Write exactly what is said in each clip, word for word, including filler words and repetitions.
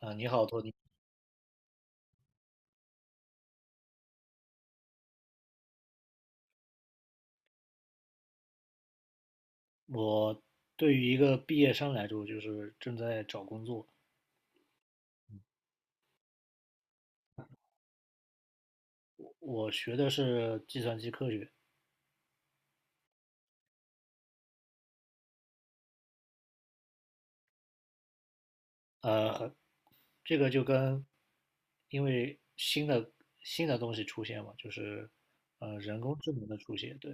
啊，你好，托尼。我对于一个毕业生来说，就是正在找工作。我学的是计算机科学。呃，这个就跟因为新的新的东西出现嘛，就是呃人工智能的出现，对。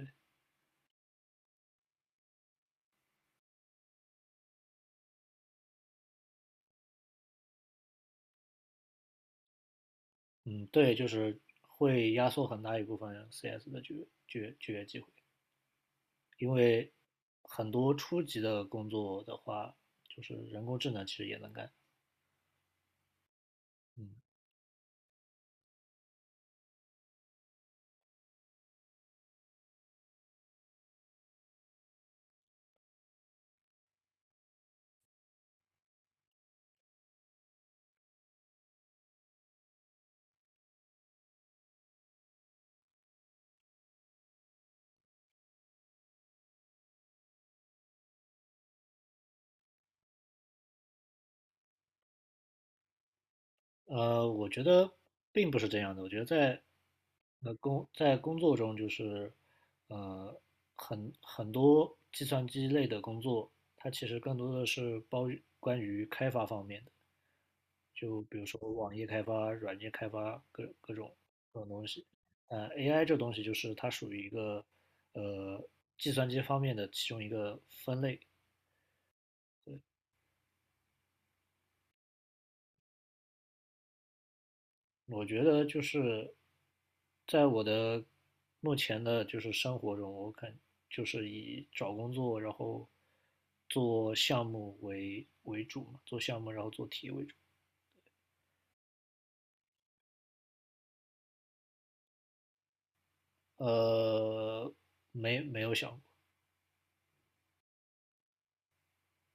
嗯，对，就是会压缩很大一部分 C S 的就业就业就业机会，因为很多初级的工作的话，就是人工智能其实也能干，嗯。呃，我觉得并不是这样的。我觉得在那工在工作中，就是呃很很多计算机类的工作，它其实更多的是包于关于开发方面的，就比如说网页开发、软件开发各各种各种东西。呃，A I 这东西就是它属于一个呃计算机方面的其中一个分类。我觉得就是在我的目前的就是生活中，我肯就是以找工作，然后做项目为为主嘛，做项目然后做题为主。呃，没没有想过。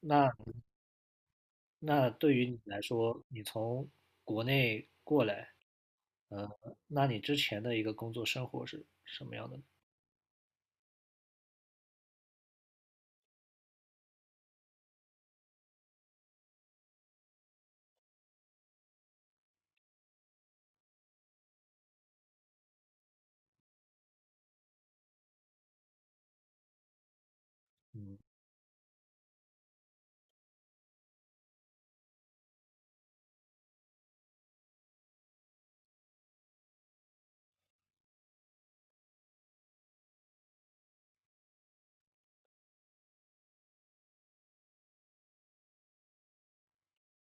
那那对于你来说，你从国内过来，呃，那你之前的一个工作生活是什么样的呢？嗯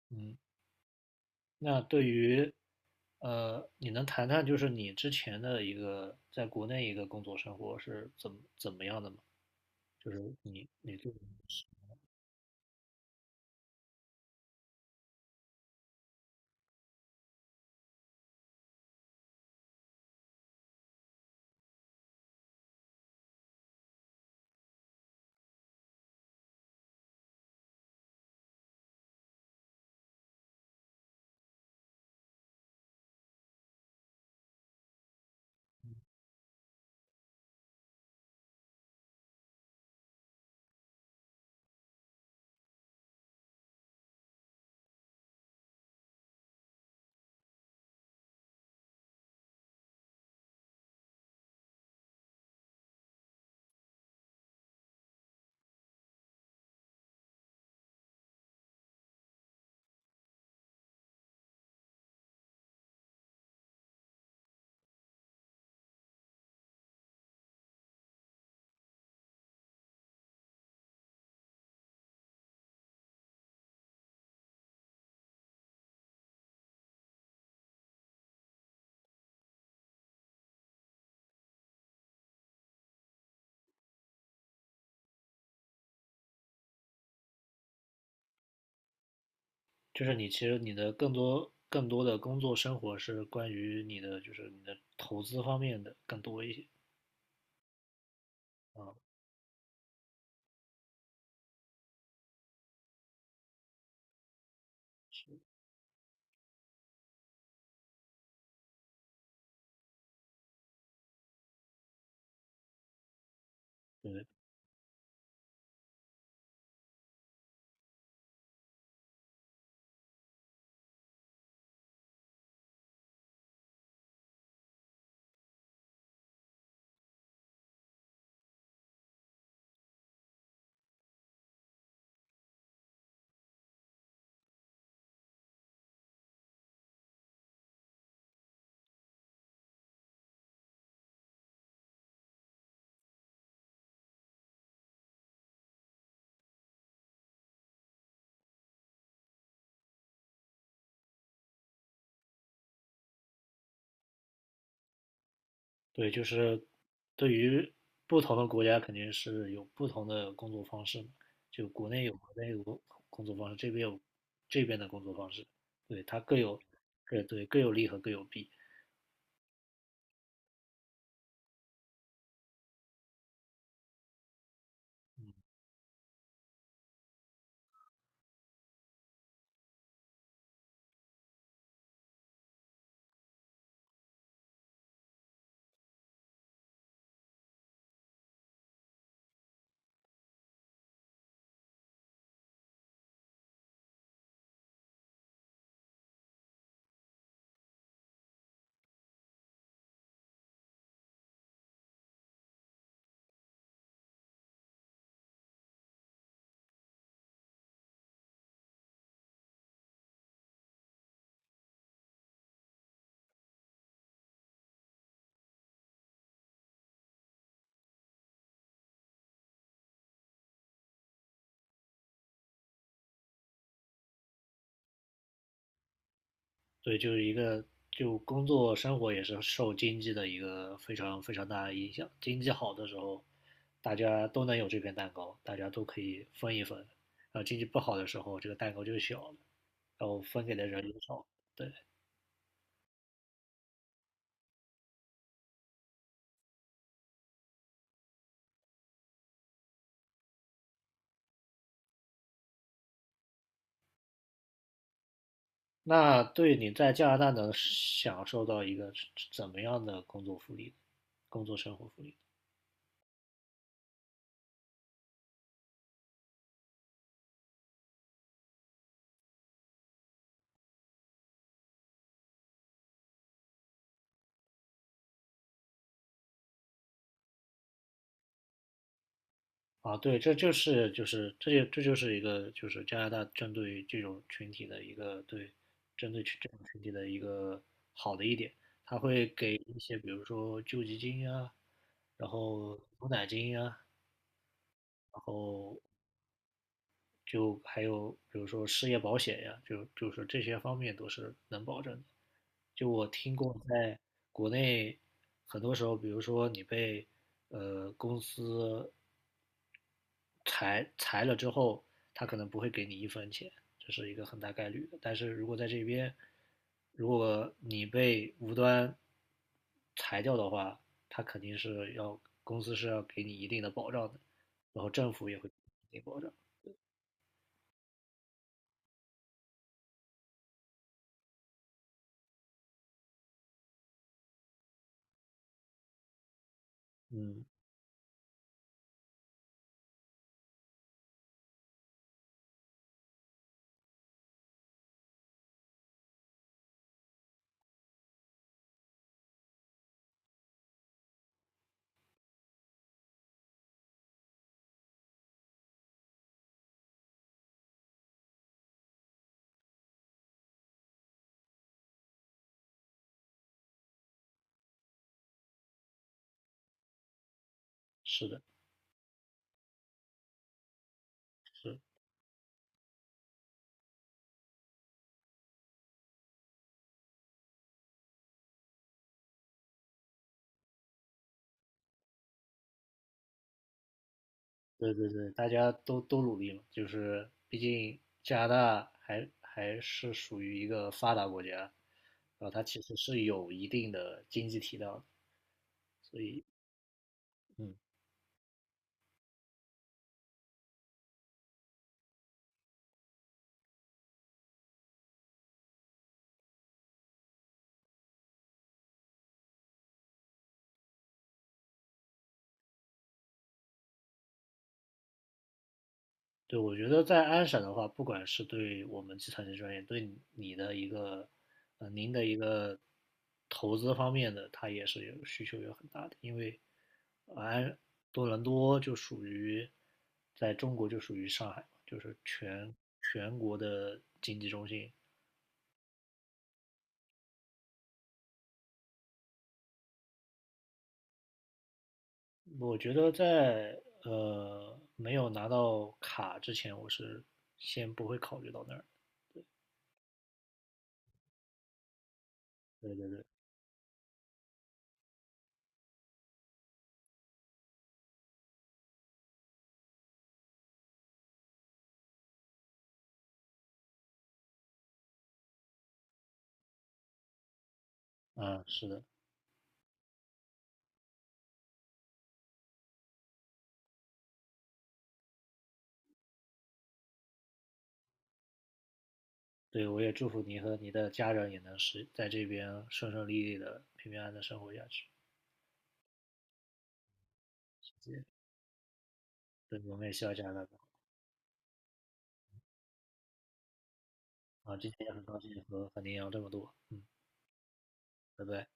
嗯。那对于，呃，你能谈谈就是你之前的一个在国内一个工作生活是怎么怎么样的吗？就是你你这就是你其实你的更多更多的工作生活是关于你的就是你的投资方面的更多一些。啊，对对，就是对于不同的国家肯定是有不同的工作方式嘛，就国内有国内的工工作方式，这边有这边的工作方式，对，它各有，各对各有利和各有弊。对，就是一个就工作生活也是受经济的一个非常非常大的影响，经济好的时候，大家都能有这片蛋糕，大家都可以分一分，然后经济不好的时候，这个蛋糕就小了，然后分给的人就少，对。那对你在加拿大能享受到一个怎么样的工作福利、工作生活福利？啊，对，这就是就是这就这就是一个就是加拿大针对于这种群体的一个对针对这种群体的一个好的一点，它会给一些比如说救济金啊，然后牛奶金啊，然后就还有比如说失业保险呀，就就是这些方面都是能保证的。就我听过，在国内很多时候，比如说你被呃公司裁裁了之后，他可能不会给你一分钱，这是一个很大概率的。但是如果在这边，如果你被无端裁掉的话，他肯定是要公司是要给你一定的保障的，然后政府也会给你一定保障。嗯，是的，是。对对对，大家都都努力嘛，就是毕竟加拿大还还是属于一个发达国家，然后它其实是有一定的经济体量的。嗯，对，我觉得在安省的话，不管是对我们计算机专业，对你你的一个呃您的一个投资方面的，它也是有需求有很大的，因为呃安多伦多就属于在中国就属于上海嘛，就是全全国的经济中心。我觉得在呃没有拿到卡之前，我是先不会考虑到那儿。嗯，是的，对，我也祝福你和你的家人也能是在这边顺顺利利的、平平安安的生活下去。对，我们也希望加拿大更好。啊！今天也很高兴和和您聊这么多，嗯，拜拜。